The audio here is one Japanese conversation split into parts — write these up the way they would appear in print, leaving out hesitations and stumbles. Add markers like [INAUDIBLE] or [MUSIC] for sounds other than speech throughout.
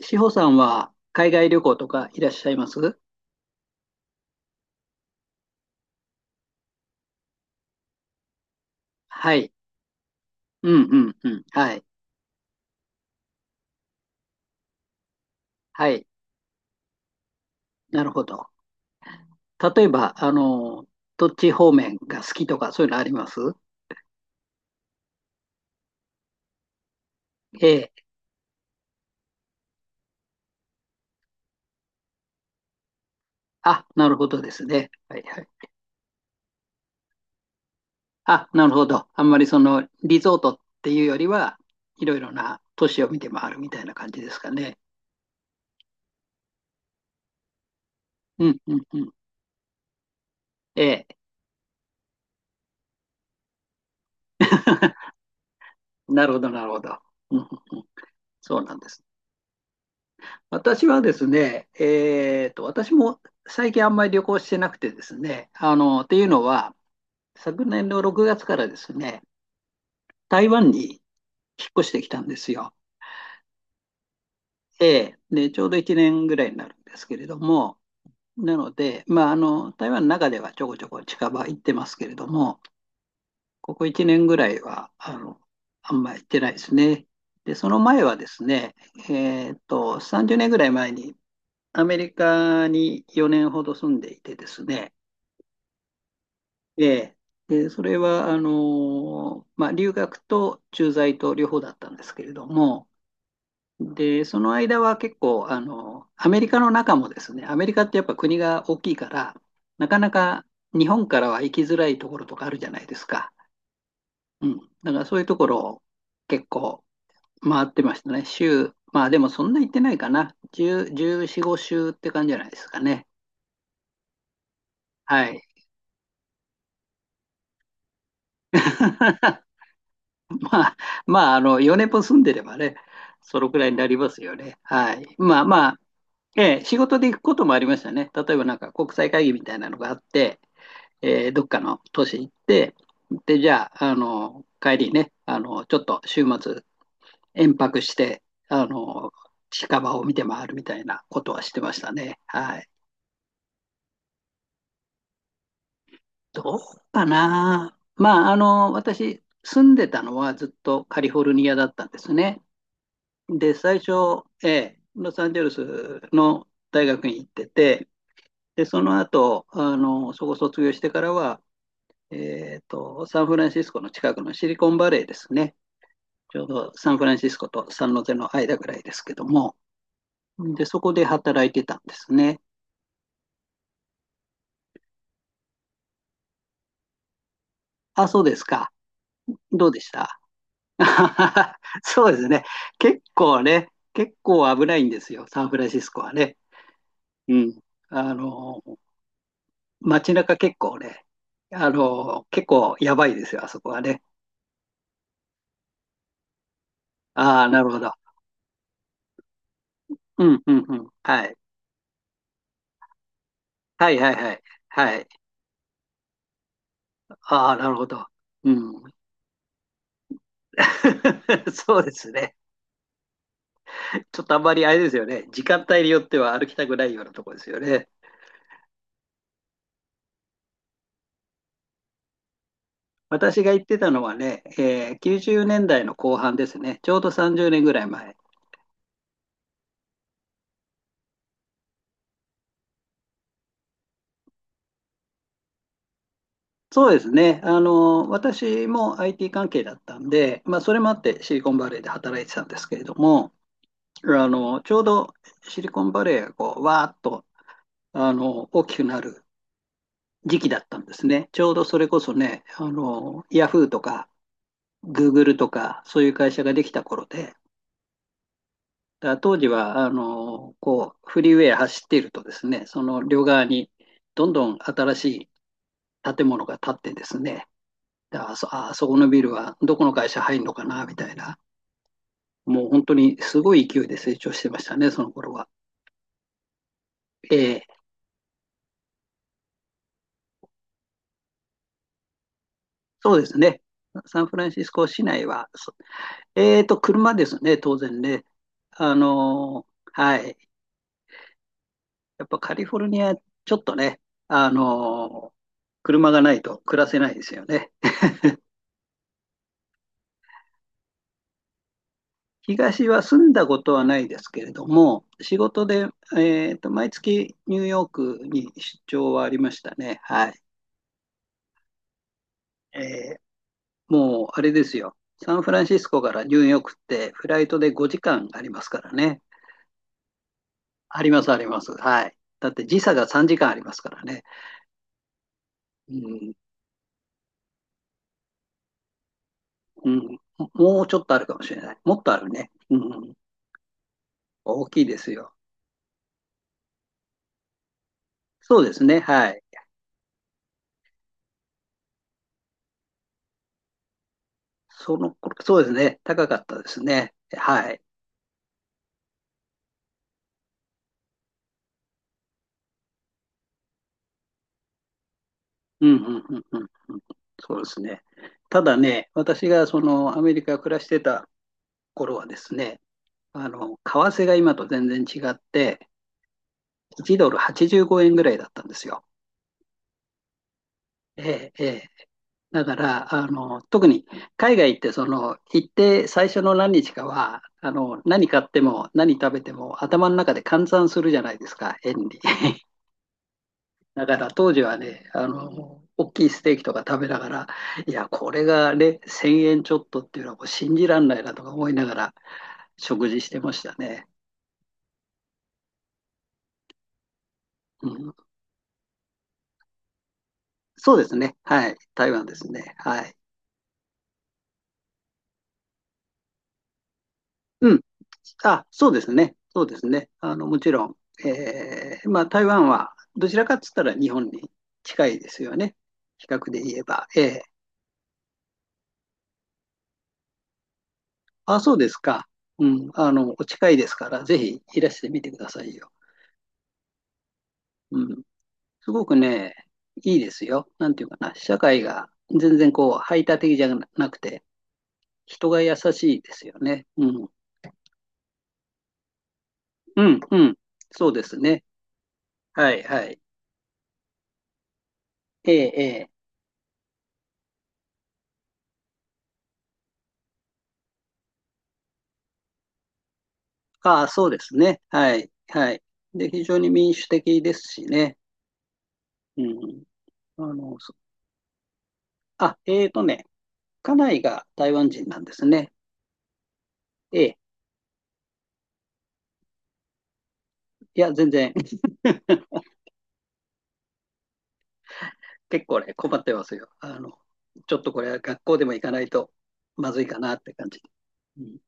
志保さんは海外旅行とかいらっしゃいます？はい。うんうんうん。はい。はい。なるほど。例えば、あの、どっち方面が好きとかそういうのあります？ええ。あ、なるほどですね。はいはい。あ、なるほど。あんまりそのリゾートっていうよりは、いろいろな都市を見て回るみたいな感じですかね。うんうんうん。ええ。[LAUGHS] なるほどなるほど。うんうんうん。そうなんですね。私はですね、私も最近あんまり旅行してなくてですね、あの、っていうのは、昨年の6月からですね、台湾に引っ越してきたんですよ。ええ。で、ちょうど1年ぐらいになるんですけれども、なので、まあ、あの、台湾の中ではちょこちょこ近場行ってますけれども、ここ1年ぐらいは、あの、あんまり行ってないですね。で、その前はですね、30年ぐらい前にアメリカに4年ほど住んでいてですね、ええ。で、それは、あの、まあ、留学と駐在と両方だったんですけれども、で、その間は結構、あの、アメリカの中もですね、アメリカってやっぱ国が大きいから、なかなか日本からは行きづらいところとかあるじゃないですか。うん。だからそういうところを結構回ってましたね。週、まあでもそんな行ってないかな。10、14、5週って感じじゃないですかね。はい。[LAUGHS] [LAUGHS] まあ、まあ、あの、4年も住んでればね、そのくらいになりますよね。はい。まあまあ、ええ、仕事で行くこともありましたね。例えばなんか国際会議みたいなのがあって、どっかの都市行って、で、じゃあ、あの、帰りね、あの、ちょっと週末、延泊して、あの、近場を見て回るみたいなことはしてましたね。はい。どうかな。まあ、あの、私、住んでたのはずっとカリフォルニアだったんですね。で、最初、ロサンゼルスの大学に行ってて、で、その後、あの、そこ卒業してからは、サンフランシスコの近くのシリコンバレーですね。ちょうどサンフランシスコとサンノゼの間ぐらいですけども、で、そこで働いてたんですね。あ、そうですか。どうでした？ [LAUGHS] そうですね。結構ね、結構危ないんですよ、サンフランシスコはね。うん。あの、街中結構ね、あの、結構やばいですよ、あそこはね。ああ、なるほど。うん、うん、うん。はい。はい、はい、はい。はい。ああ、なるほど。うん。[LAUGHS] そうですね。ちょっとあんまりあれですよね。時間帯によっては歩きたくないようなところですよね。私が行ってたのはね、90年代の後半ですね。ちょうど30年ぐらい前。そうですね。あの、私も IT 関係だったんで、まあ、それもあってシリコンバレーで働いてたんですけれども、あの、ちょうどシリコンバレーがこう、わーっと、あの、大きくなる時期だったんですね。ちょうどそれこそね、あの、ヤフーとか、グーグルとか、そういう会社ができた頃で、だから当時は、あの、こう、フリーウェイ走っているとですね、その両側にどんどん新しい建物が建ってですね、だあそ、あそこのビルはどこの会社入るのかな、みたいな、もう本当にすごい勢いで成長してましたね、その頃は。ええ。そうですね。サンフランシスコ市内は、そえーと、車ですね、当然ね。はい。やっぱカリフォルニア、ちょっとね、あのー車がないと暮らせないですよね。東は住んだことはないですけれども、仕事で、毎月ニューヨークに出張はありましたね。はい。えーもう、あれですよ。サンフランシスコからニューヨークってフライトで5時間ありますからね。ありますあります。はい。だって時差が3時間ありますからね。うん。うん。もうちょっとあるかもしれない。もっとあるね。うん。大きいですよ。そうですね。はい。その頃、そうですね。高かったですね。はい。うんうんうんうんうん。そうですね。ただね、私がそのアメリカ暮らしてた頃はですね、あの、為替が今と全然違って、1ドル85円ぐらいだったんですよ。ええ、ええ。だから、あの、特に海外ってその、行って最初の何日かは、あの、何買っても何食べても頭の中で換算するじゃないですか、円に。[LAUGHS] だから当時はね、あの、大きいステーキとか食べながら、いや、これがね、1000円ちょっとっていうのはもう信じらんないなとか思いながら食事してましたね。うん、そうですね。はい。台湾ですね。はい。うん。あ、そうですね。そうですね。あの、もちろん、まあ、台湾はどちらかっつったら日本に近いですよね。比較で言えば。ええ。あ、そうですか。うん。あの、お近いですから、ぜひいらしてみてくださいよ。うん。すごくね、いいですよ。なんていうかな。社会が全然こう、排他的じゃなくて、人が優しいですよね。うん。うん、うん。そうですね。はい、はい。ええええ。ああ、そうですね。はい。はい。で、非常に民主的ですしね。うん。あの、そあ、えーとね、家内が台湾人なんですね。ええ。いや、全然、[LAUGHS] 結構ね、困ってますよ。あの、ちょっとこれは学校でも行かないとまずいかなって感じ。うん、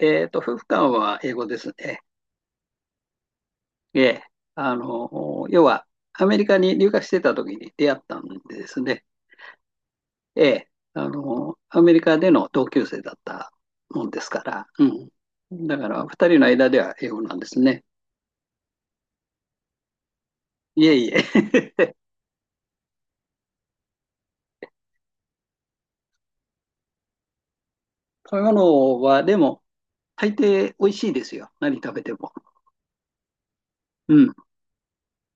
夫婦間は英語ですね。ええ。あの、要は、アメリカに留学してた時に出会ったんですね。ええ、あの、アメリカでの同級生だったもんですから、うん。だから、二人の間では英語なんですね。いえいえ。[LAUGHS] 食べ物は、でも、大抵美味しいですよ。何食べても。うん。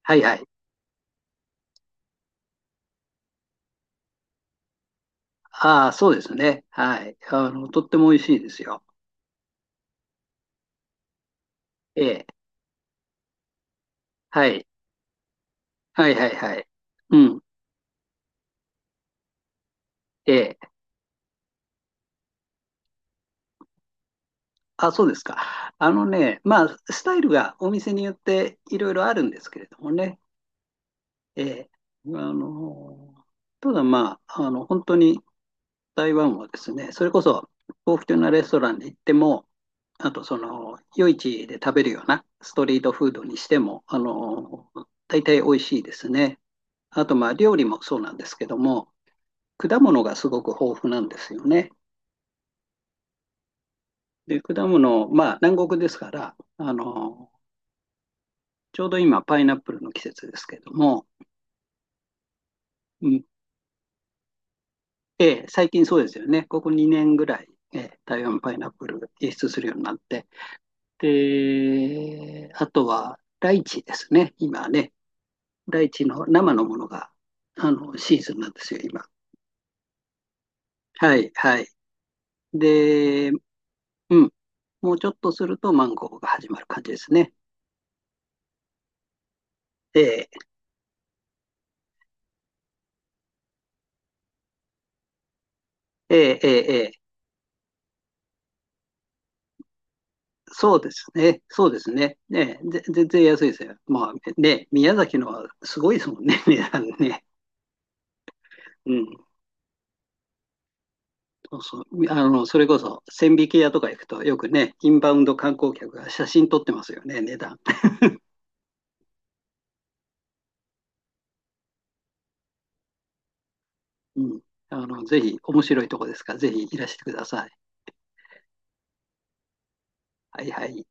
はいはい。ああ、そうですね。はい。あの、とっても美味しいですよ。ええ。はい。はいはいはい。うん。ええ。あ、そうですか。あのね、まあ、スタイルがお店によっていろいろあるんですけれどもね。ええ、あの、ただまあ、あの、本当に台湾はですね、それこそ高級なレストランに行っても、あとその、夜市で食べるようなストリートフードにしても、あの、大体美味しいですね。あとまあ、料理もそうなんですけども、果物がすごく豊富なんですよね。で、果物、まあ、南国ですから、あの、ちょうど今、パイナップルの季節ですけども、うん。ええ、最近そうですよね。ここ2年ぐらい、ええ、台湾パイナップル輸出するようになって。で、あとは、ライチですね。今ね、ライチの生のものが、あの、シーズンなんですよ、今。はい、はい。で、うん。もうちょっとするとマンゴーが始まる感じですね。ええ、ええ、ええ、ええ。そうですね。そうですね。ねえ、全然安いですよ。まあね、宮崎のはすごいですもんね、値段ね。うん。そうそう、あの、それこそ、千疋屋とか行くと、よくね、インバウンド観光客が写真撮ってますよね、値段。うん。あの、ぜひ、面白いとこですから、ぜひいらしてください。はいはい。